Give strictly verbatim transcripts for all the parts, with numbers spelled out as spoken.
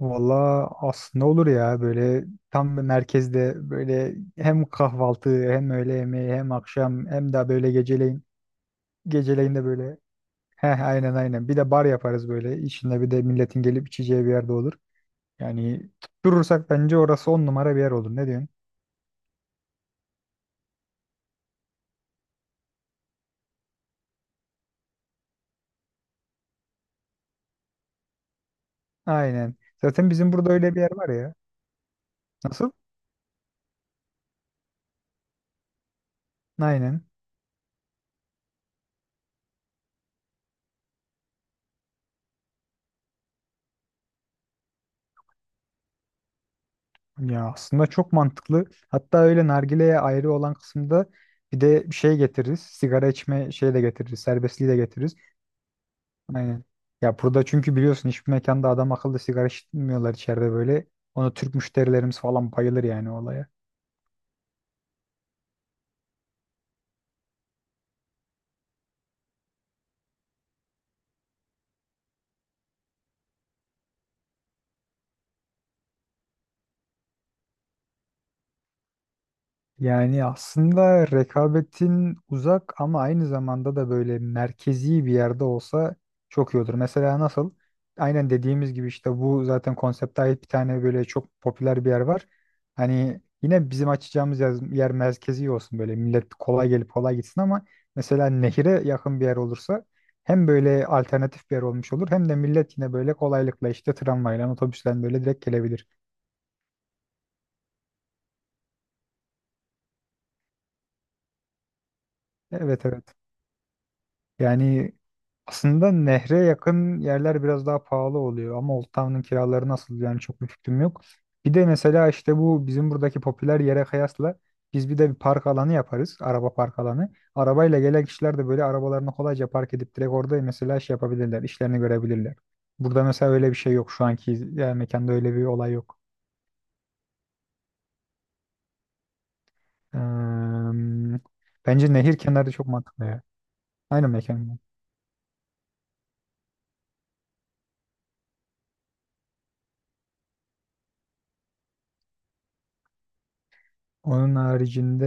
Valla aslında olur ya, böyle tam bir merkezde, böyle hem kahvaltı hem öğle yemeği hem akşam hem de böyle geceleyin geceleyin de böyle, heh, aynen, aynen, bir de bar yaparız böyle içinde, bir de milletin gelip içeceği bir yerde olur. Yani tutturursak bence orası on numara bir yer olur, ne diyorsun? Aynen, zaten bizim burada öyle bir yer var ya. Nasıl? Aynen, ya aslında çok mantıklı. Hatta öyle nargileye ayrı olan kısımda bir de bir şey getiririz, sigara içme şeyi de getiririz, serbestliği de getiririz. Aynen. Ya burada çünkü biliyorsun hiçbir mekanda adam akıllı sigara içmiyorlar içeride böyle. Ona Türk müşterilerimiz falan bayılır yani olaya. Yani aslında rekabetin uzak ama aynı zamanda da böyle merkezi bir yerde olsa çok iyi olur. Mesela nasıl? Aynen dediğimiz gibi işte bu zaten konsepte ait bir tane böyle çok popüler bir yer var. Hani yine bizim açacağımız yer, yer merkezi olsun, böyle millet kolay gelip kolay gitsin, ama mesela nehire yakın bir yer olursa hem böyle alternatif bir yer olmuş olur, hem de millet yine böyle kolaylıkla işte tramvayla, otobüsle böyle direkt gelebilir. Evet, evet. Yani aslında nehre yakın yerler biraz daha pahalı oluyor ama Old Town'un kiraları nasıl, yani çok bir fikrim yok. Bir de mesela işte bu bizim buradaki popüler yere kıyasla, biz bir de bir park alanı yaparız. Araba park alanı. Arabayla gelen kişiler de böyle arabalarını kolayca park edip direkt orada mesela şey yapabilirler, işlerini görebilirler. Burada mesela öyle bir şey yok şu anki, yani mekanda öyle bir olay yok. Eee, bence nehir kenarı çok mantıklı ya. Aynı mekan. Onun haricinde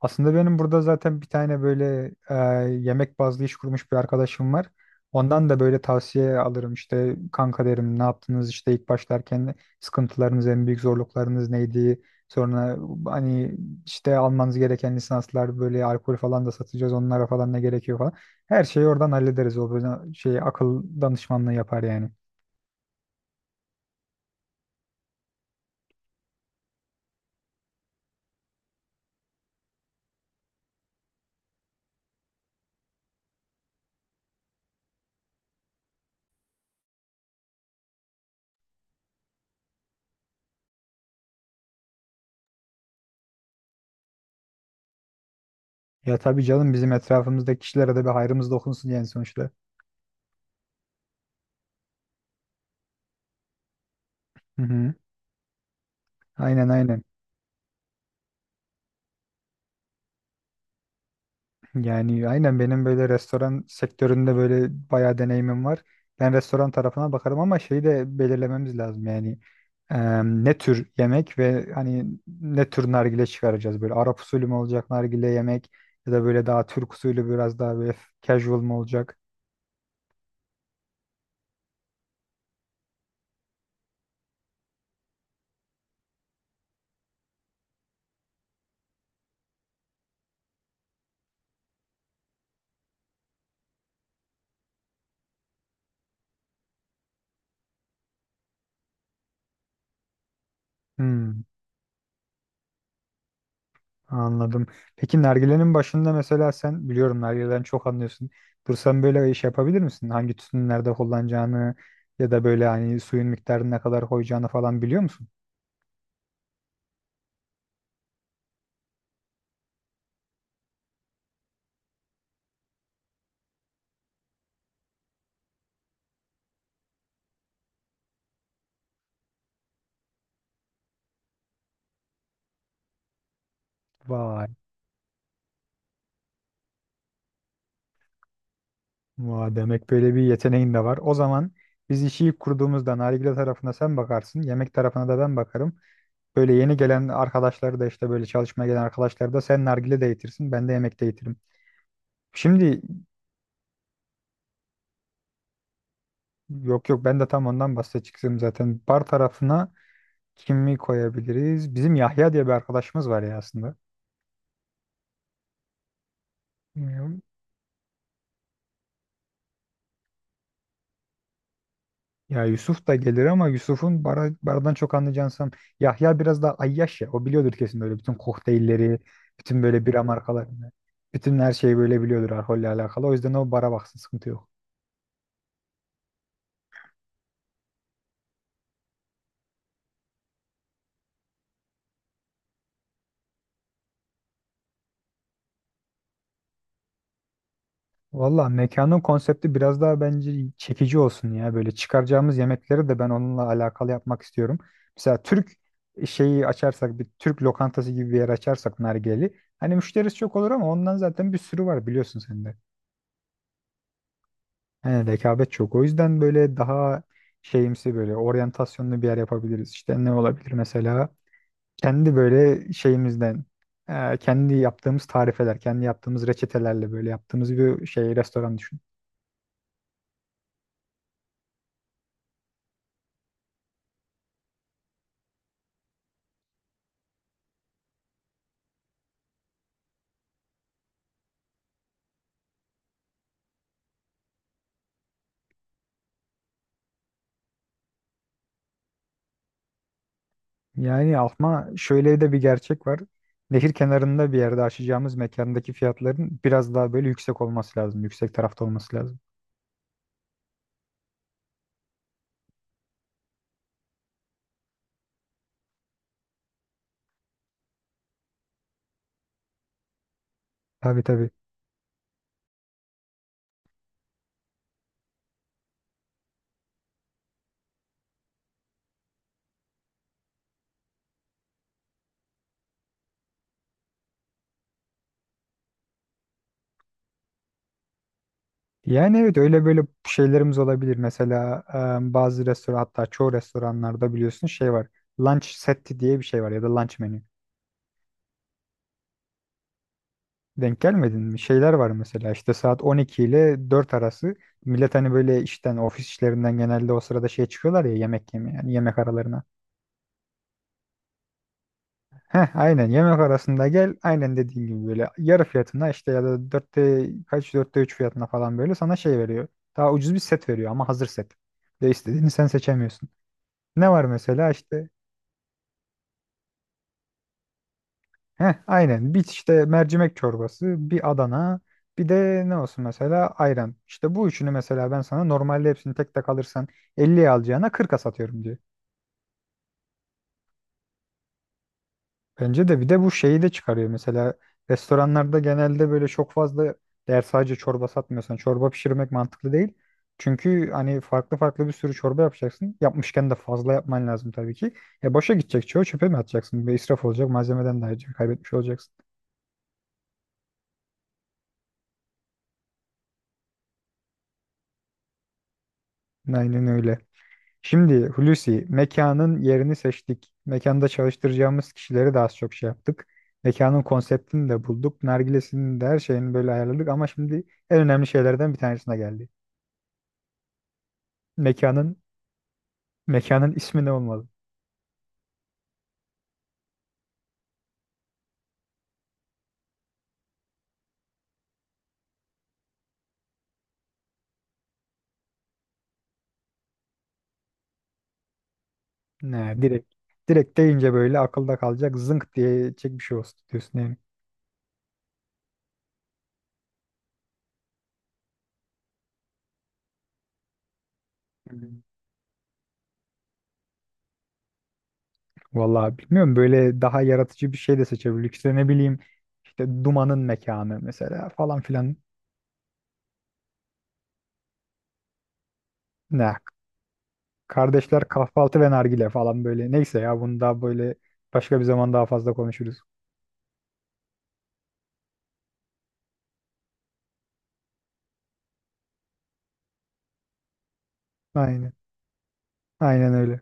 aslında benim burada zaten bir tane böyle, e, yemek bazlı iş kurmuş bir arkadaşım var. Ondan da böyle tavsiye alırım, işte kanka derim, ne yaptınız işte ilk başlarken, sıkıntılarınız, en büyük zorluklarınız neydi? Sonra hani işte almanız gereken lisanslar, böyle alkol falan da satacağız, onlara falan ne gerekiyor falan. Her şeyi oradan hallederiz. O böyle şey, akıl danışmanlığı yapar yani. Ya tabii canım, bizim etrafımızdaki kişilere de bir hayrımız dokunsun yani sonuçta. Hı hı. Aynen, aynen. Yani aynen, benim böyle restoran sektöründe böyle bayağı deneyimim var. Ben restoran tarafına bakarım ama şeyi de belirlememiz lazım yani. Eee, ne tür yemek ve hani ne tür nargile çıkaracağız, böyle Arap usulü mü olacak nargile, yemek ya da böyle daha Türk usulü, biraz daha böyle casual mı olacak? Hmm, anladım. Peki nargilenin başında mesela, sen biliyorum nargileden çok anlıyorsun. Dur sen böyle iş yapabilir misin? Hangi tütünü nerede kullanacağını, ya da böyle hani suyun miktarını ne kadar koyacağını falan biliyor musun? Vay. Vay, demek böyle bir yeteneğin de var. O zaman biz işi ilk kurduğumuzda nargile tarafına sen bakarsın, yemek tarafına da ben bakarım. Böyle yeni gelen arkadaşları da, işte böyle çalışmaya gelen arkadaşları da, sen nargile de eğitirsin, ben de yemek de eğitirim. Şimdi yok, yok, ben de tam ondan bahsedeceğim zaten. Bar tarafına kimi koyabiliriz? Bizim Yahya diye bir arkadaşımız var ya aslında. Ya Yusuf da gelir ama Yusuf'un bara, baradan çok anlayacağını sanırım. Yahya biraz daha ayyaş ya. O biliyordur kesin böyle bütün kokteylleri, bütün böyle bira markalarını. Bütün her şeyi böyle biliyordur alkolle alakalı. O yüzden o bara baksın, sıkıntı yok. Valla mekanın konsepti biraz daha bence çekici olsun ya. Böyle çıkaracağımız yemekleri de ben onunla alakalı yapmak istiyorum. Mesela Türk şeyi açarsak, bir Türk lokantası gibi bir yer açarsak nargileli, hani müşterisi çok olur ama ondan zaten bir sürü var, biliyorsun sen de. He, rekabet çok. O yüzden böyle daha şeyimsi, böyle oryantasyonlu bir yer yapabiliriz. İşte ne olabilir mesela? Kendi böyle şeyimizden, e, kendi yaptığımız tarifeler, kendi yaptığımız reçetelerle böyle yaptığımız bir şey, restoran düşün. Yani ama şöyle de bir gerçek var. Nehir kenarında bir yerde açacağımız mekandaki fiyatların biraz daha böyle yüksek olması lazım. Yüksek tarafta olması lazım. Tabii, tabii. Yani evet, öyle böyle şeylerimiz olabilir. Mesela e, bazı restoran, hatta çoğu restoranlarda biliyorsun şey var. Lunch seti diye bir şey var ya da lunch menü. Denk gelmedin mi? Şeyler var mesela, işte saat on iki ile dört arası millet hani böyle işten, ofis işlerinden genelde o sırada şey çıkıyorlar ya, yemek yemeye, yani yemek aralarına. Heh aynen, yemek arasında gel, aynen dediğin gibi böyle yarı fiyatına işte, ya da dörtte kaç, dörtte üç fiyatına falan böyle sana şey veriyor. Daha ucuz bir set veriyor ama hazır set. Ve istediğini sen seçemiyorsun. Ne var mesela işte. Heh, aynen. Bir işte mercimek çorbası, bir Adana, bir de ne olsun mesela, ayran. İşte bu üçünü mesela, ben sana normalde hepsini tek tek alırsan elliye alacağına kırka satıyorum diyor. Bence de bir de bu şeyi de çıkarıyor. Mesela restoranlarda genelde böyle çok fazla, eğer sadece çorba satmıyorsan çorba pişirmek mantıklı değil. Çünkü hani farklı farklı bir sürü çorba yapacaksın. Yapmışken de fazla yapman lazım tabii ki. E, boşa gidecek çoğu, çöpe mi atacaksın? Bir israf olacak, malzemeden de ayrıca kaybetmiş olacaksın. Aynen öyle. Şimdi Hulusi, mekanın yerini seçtik. Mekanda çalıştıracağımız kişileri de az çok şey yaptık. Mekanın konseptini de bulduk. Nargilesini de, her şeyini böyle ayarladık ama şimdi en önemli şeylerden bir tanesine geldi. Mekanın mekanın ismi ne olmalı? Ne, direkt direkt deyince böyle akılda kalacak zınk diye çek bir şey olsun diyorsun yani. Hmm. Vallahi bilmiyorum, böyle daha yaratıcı bir şey de seçebiliriz. İşte ne bileyim, işte dumanın mekanı mesela falan filan. Ne? Kardeşler kahvaltı ve nargile falan böyle. Neyse ya bunu daha böyle başka bir zaman daha fazla konuşuruz. Aynen. Aynen öyle.